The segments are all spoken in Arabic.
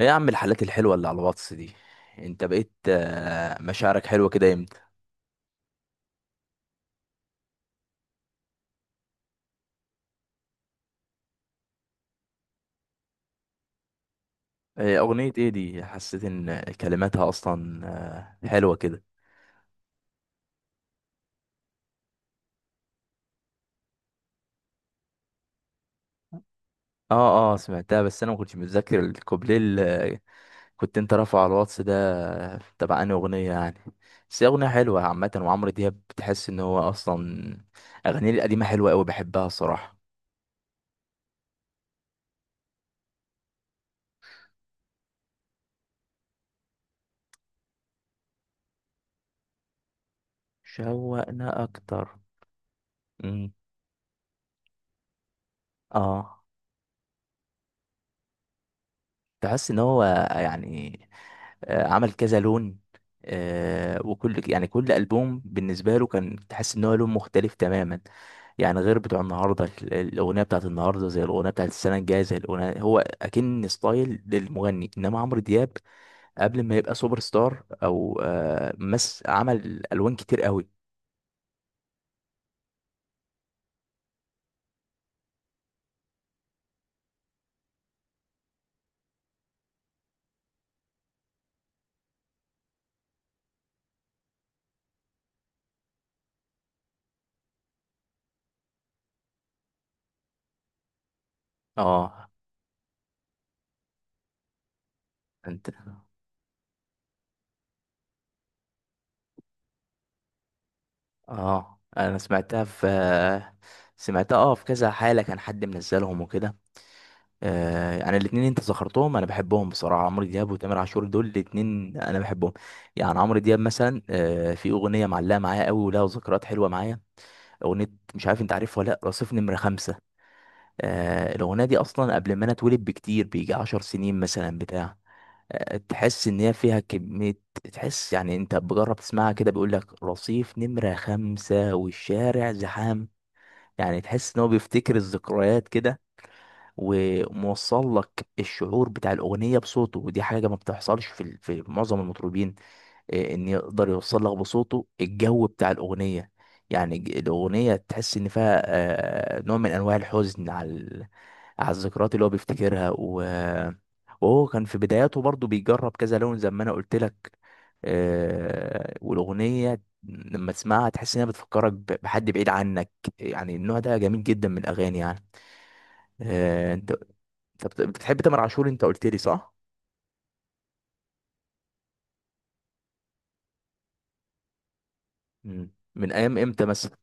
ايه يا عم الحالات الحلوة اللي على الواتس دي؟ انت بقيت مشاعرك حلوة كده امتى؟ اغنية ايه دي حسيت ان كلماتها اصلا حلوة كده. اه سمعتها، بس انا ما كنتش متذكر الكوبليه اللي كنت انت رافعه على الواتس ده تبع انهي اغنية يعني. بس هي اغنية حلوة عامة، وعمرو دياب بتحس ان هو اصلا اغانيه القديمة حلوة قوي، بحبها الصراحة. شوقنا اكتر. امم. اه، تحس ان هو يعني عمل كذا لون. وكل يعني كل ألبوم بالنسبة له كان تحس ان هو لون مختلف تماما. يعني غير بتوع النهارده الأغنية بتاعت النهارده زي الأغنية بتاعت السنة الجاية زي الأغنية، هو أكن ستايل للمغني، إنما عمرو دياب قبل ما يبقى سوبر ستار أو مس، عمل ألوان كتير قوي. اه. انت. اه، انا سمعتها في سمعتها، اه، في كذا حالة كان حد منزلهم وكده. يعني الاثنين انت ذكرتهم انا بحبهم بصراحه، عمرو دياب وتامر عاشور دول الاثنين انا بحبهم. يعني عمرو دياب مثلا في اغنيه معلقه معايا قوي ولها ذكريات حلوه معايا. اغنيه مش عارف انت عارفها ولا لا، رصيف نمره خمسة. الاغنيه دي اصلا قبل ما انا اتولد بكتير، بيجي 10 سنين مثلا بتاع. تحس ان هي فيها كميه. تحس يعني انت بجرب تسمعها كده، بيقول لك رصيف نمره خمسة والشارع زحام. يعني تحس ان هو بيفتكر الذكريات كده، وموصل لك الشعور بتاع الاغنيه بصوته، ودي حاجه ما بتحصلش في معظم المطربين. ان يقدر يوصل لك بصوته الجو بتاع الاغنيه. يعني الاغنيه تحس ان فيها نوع من انواع الحزن على على الذكريات اللي هو بيفتكرها وهو كان في بداياته برضو بيجرب كذا لون زي ما انا قلت لك. والاغنيه لما تسمعها تحس انها بتفكرك بحد بعيد عنك. يعني النوع ده جميل جدا من الاغاني يعني. انت. طب بتحب تامر عاشور؟ انت قلت لي صح؟ مم. من ايام امتى مثلا؟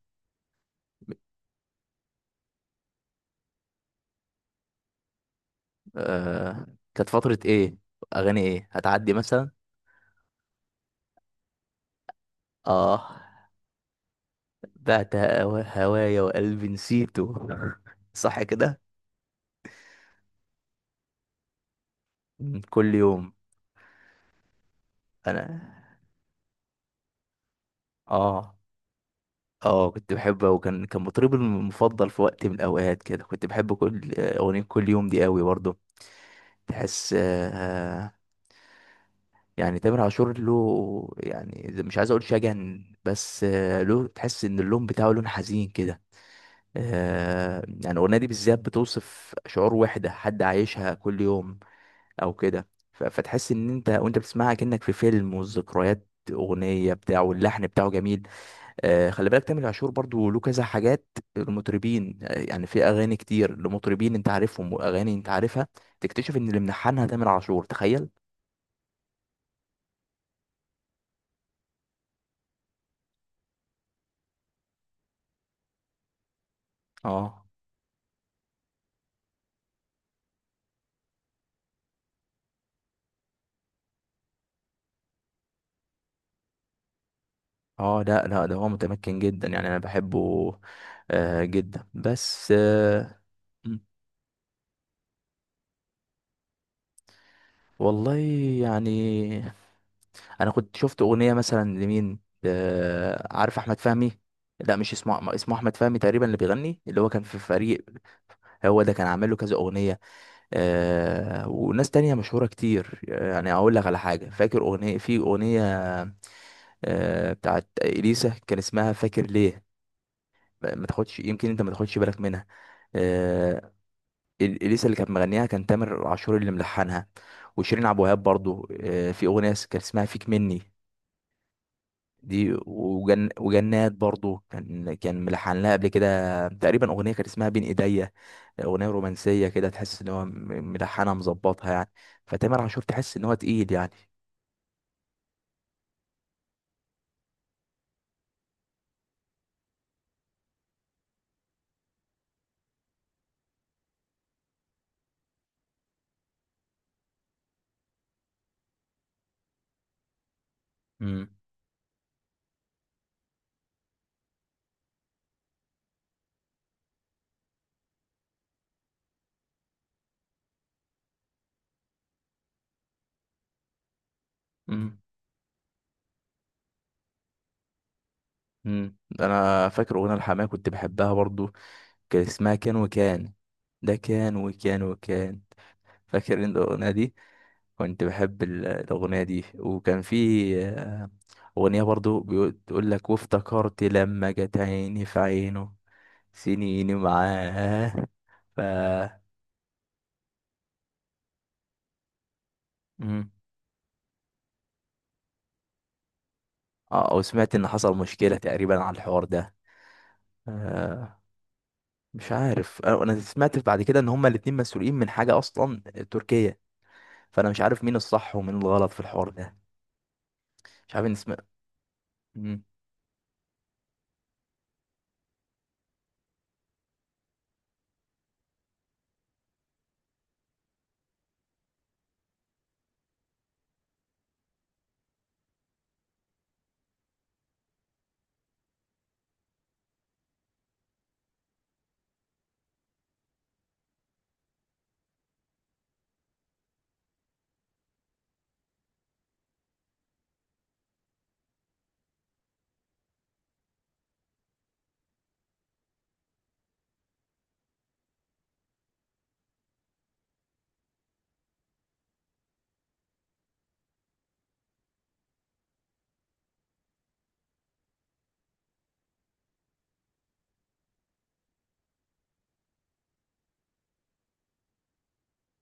آه... كانت فترة ايه؟ اغاني ايه هتعدي مثلا؟ اه. بعت هوايا وقلبي نسيته. صح كده. كل يوم. انا. اه اه كنت بحبه، وكان مطربي المفضل في وقت من الاوقات كده، كنت بحب كل اغنية، كل يوم دي قوي برضه. تحس يعني تامر عاشور له يعني مش عايز اقول شجن، بس له تحس ان اللون بتاعه لون حزين كده. يعني الاغنيه دي بالذات بتوصف شعور وحده حد عايشها كل يوم او كده. فتحس ان انت وانت بتسمعها كأنك في فيلم، والذكريات اغنيه بتاعه واللحن بتاعه جميل. خلي بالك تامر عاشور برضو له كذا حاجات. المطربين يعني في اغاني كتير لمطربين انت عارفهم واغاني انت عارفها تكتشف ان اللي ملحنها تامر عاشور، تخيل. اه اه، لا لا، ده هو متمكن جدا يعني، انا بحبه، آه، جدا، بس مم. والله. يعني، انا كنت شفت اغنية مثلا لمين، عارف احمد فهمي؟ لا، مش اسمه اسمه احمد فهمي تقريبا، اللي بيغني، اللي هو كان في فريق. هو ده كان عامل له كذا اغنية. وناس تانية مشهورة كتير، يعني اقول لك على حاجة، فاكر اغنية، في اغنية بتاعت اليسا كان اسمها فاكر ليه. ما تاخدش، يمكن انت ما تاخدش بالك منها. آه، اليسا اللي كانت مغنيها، كان تامر عاشور اللي ملحنها. وشيرين عبد الوهاب برضو في اغنيه كان اسمها فيك مني. دي وجن وجنات، برضو كان ملحن لها قبل كده تقريبا اغنيه كانت اسمها بين ايديا. اغنيه رومانسيه كده تحس ان هو ملحنها مظبطها يعني. فتامر عاشور تحس ان هو تقيل يعني. امم. امم. انا فاكر اغنيه الحماية كنت بحبها برضو، كان اسمها كان وكان، ده كان وكان وكان. فاكر انت الاغنيه دي؟ كنت بحب الأغنية دي، وكان في آه، أغنية برضو بتقول لك وافتكرت لما جت عيني في عينه، سنيني معاه. ف مم. اه، وسمعت ان حصل مشكلة تقريبا على الحوار ده. آه مش عارف أنا سمعت بعد كده ان هما الاتنين مسؤولين من حاجة اصلا تركية، فانا مش عارف مين الصح ومين الغلط في الحوار ده. مش عارف ان اسم. مم.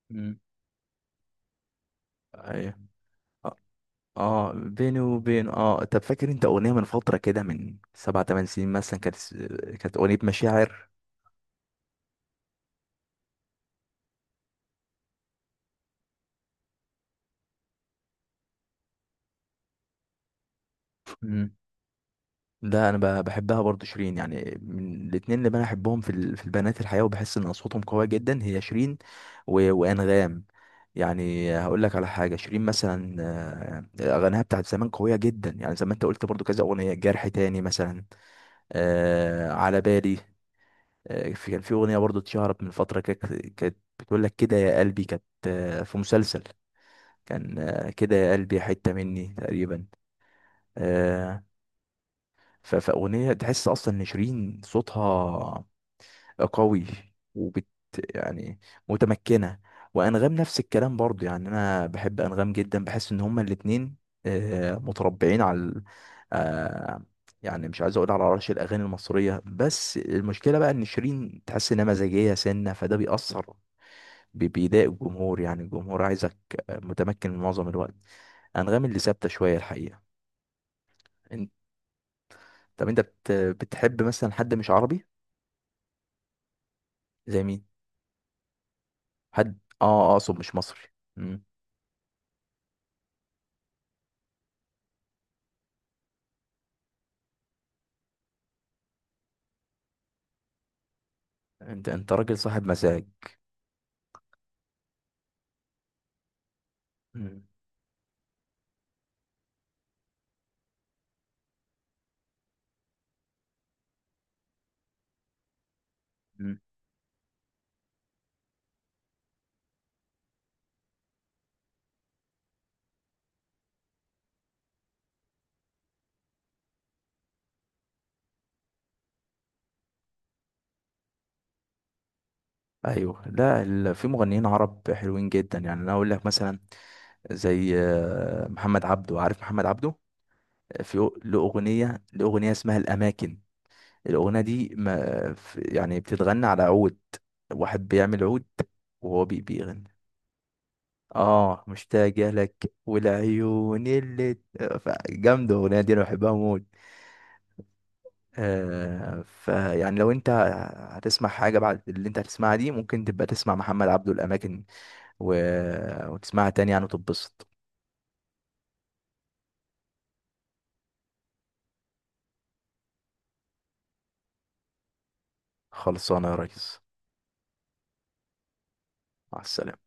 مم. ايوه. اه، بيني وبين طب، فاكر انت اغنيه من فتره كده من سبع تمن سنين مثلا، كانت كانت اغنيه مشاعر. مم. ده انا بحبها برضو شيرين، يعني من الاتنين اللي انا احبهم في البنات الحقيقه، وبحس ان اصواتهم قويه جدا، هي شيرين وانغام. يعني هقول لك على حاجه، شيرين مثلا اغانيها بتاعت زمان قويه جدا، يعني زي ما انت قلت برضو، كذا اغنيه جرح تاني مثلا، على بالي. كان في اغنيه برضو اتشهرت من فتره، كانت بتقول لك كده يا قلبي، كانت في مسلسل. كان كده يا قلبي حته مني تقريبا. آه، فاغنيه تحس اصلا ان شيرين صوتها قوي وبت يعني متمكنه. وانغام نفس الكلام برضو، يعني انا بحب انغام جدا، بحس ان هما الاتنين متربعين على آه، يعني مش عايز اقول على عرش الاغاني المصريه. بس المشكله بقى ان شيرين تحس انها مزاجيه سنه، فده بيأثر، بيضايق الجمهور، يعني الجمهور عايزك متمكن معظم الوقت. انغام اللي ثابته شويه الحقيقه. انت. طب انت بتحب مثلا حد مش عربي؟ زي مين، حد اه اقصد مش مصري. مم. انت راجل صاحب مزاج. مم. مم. ايوه. لا، في مغنيين عرب حلوين جدا، يعني انا اقول لك مثلا زي محمد عبده، عارف محمد عبده؟ في له اغنيه، اسمها الاماكن. الأغنية دي ما يعني بتتغنى على عود، واحد بيعمل عود وهو بيغني. اه، مشتاقة لك والعيون اللي جامدة، الأغنية دي أنا بحبها موت. فيعني لو أنت هتسمع حاجة بعد اللي أنت هتسمعها دي، ممكن تبقى تسمع محمد عبده الأماكن و... وتسمعها تاني يعني وتتبسط. خلصانة يا ريس. مع السلامة.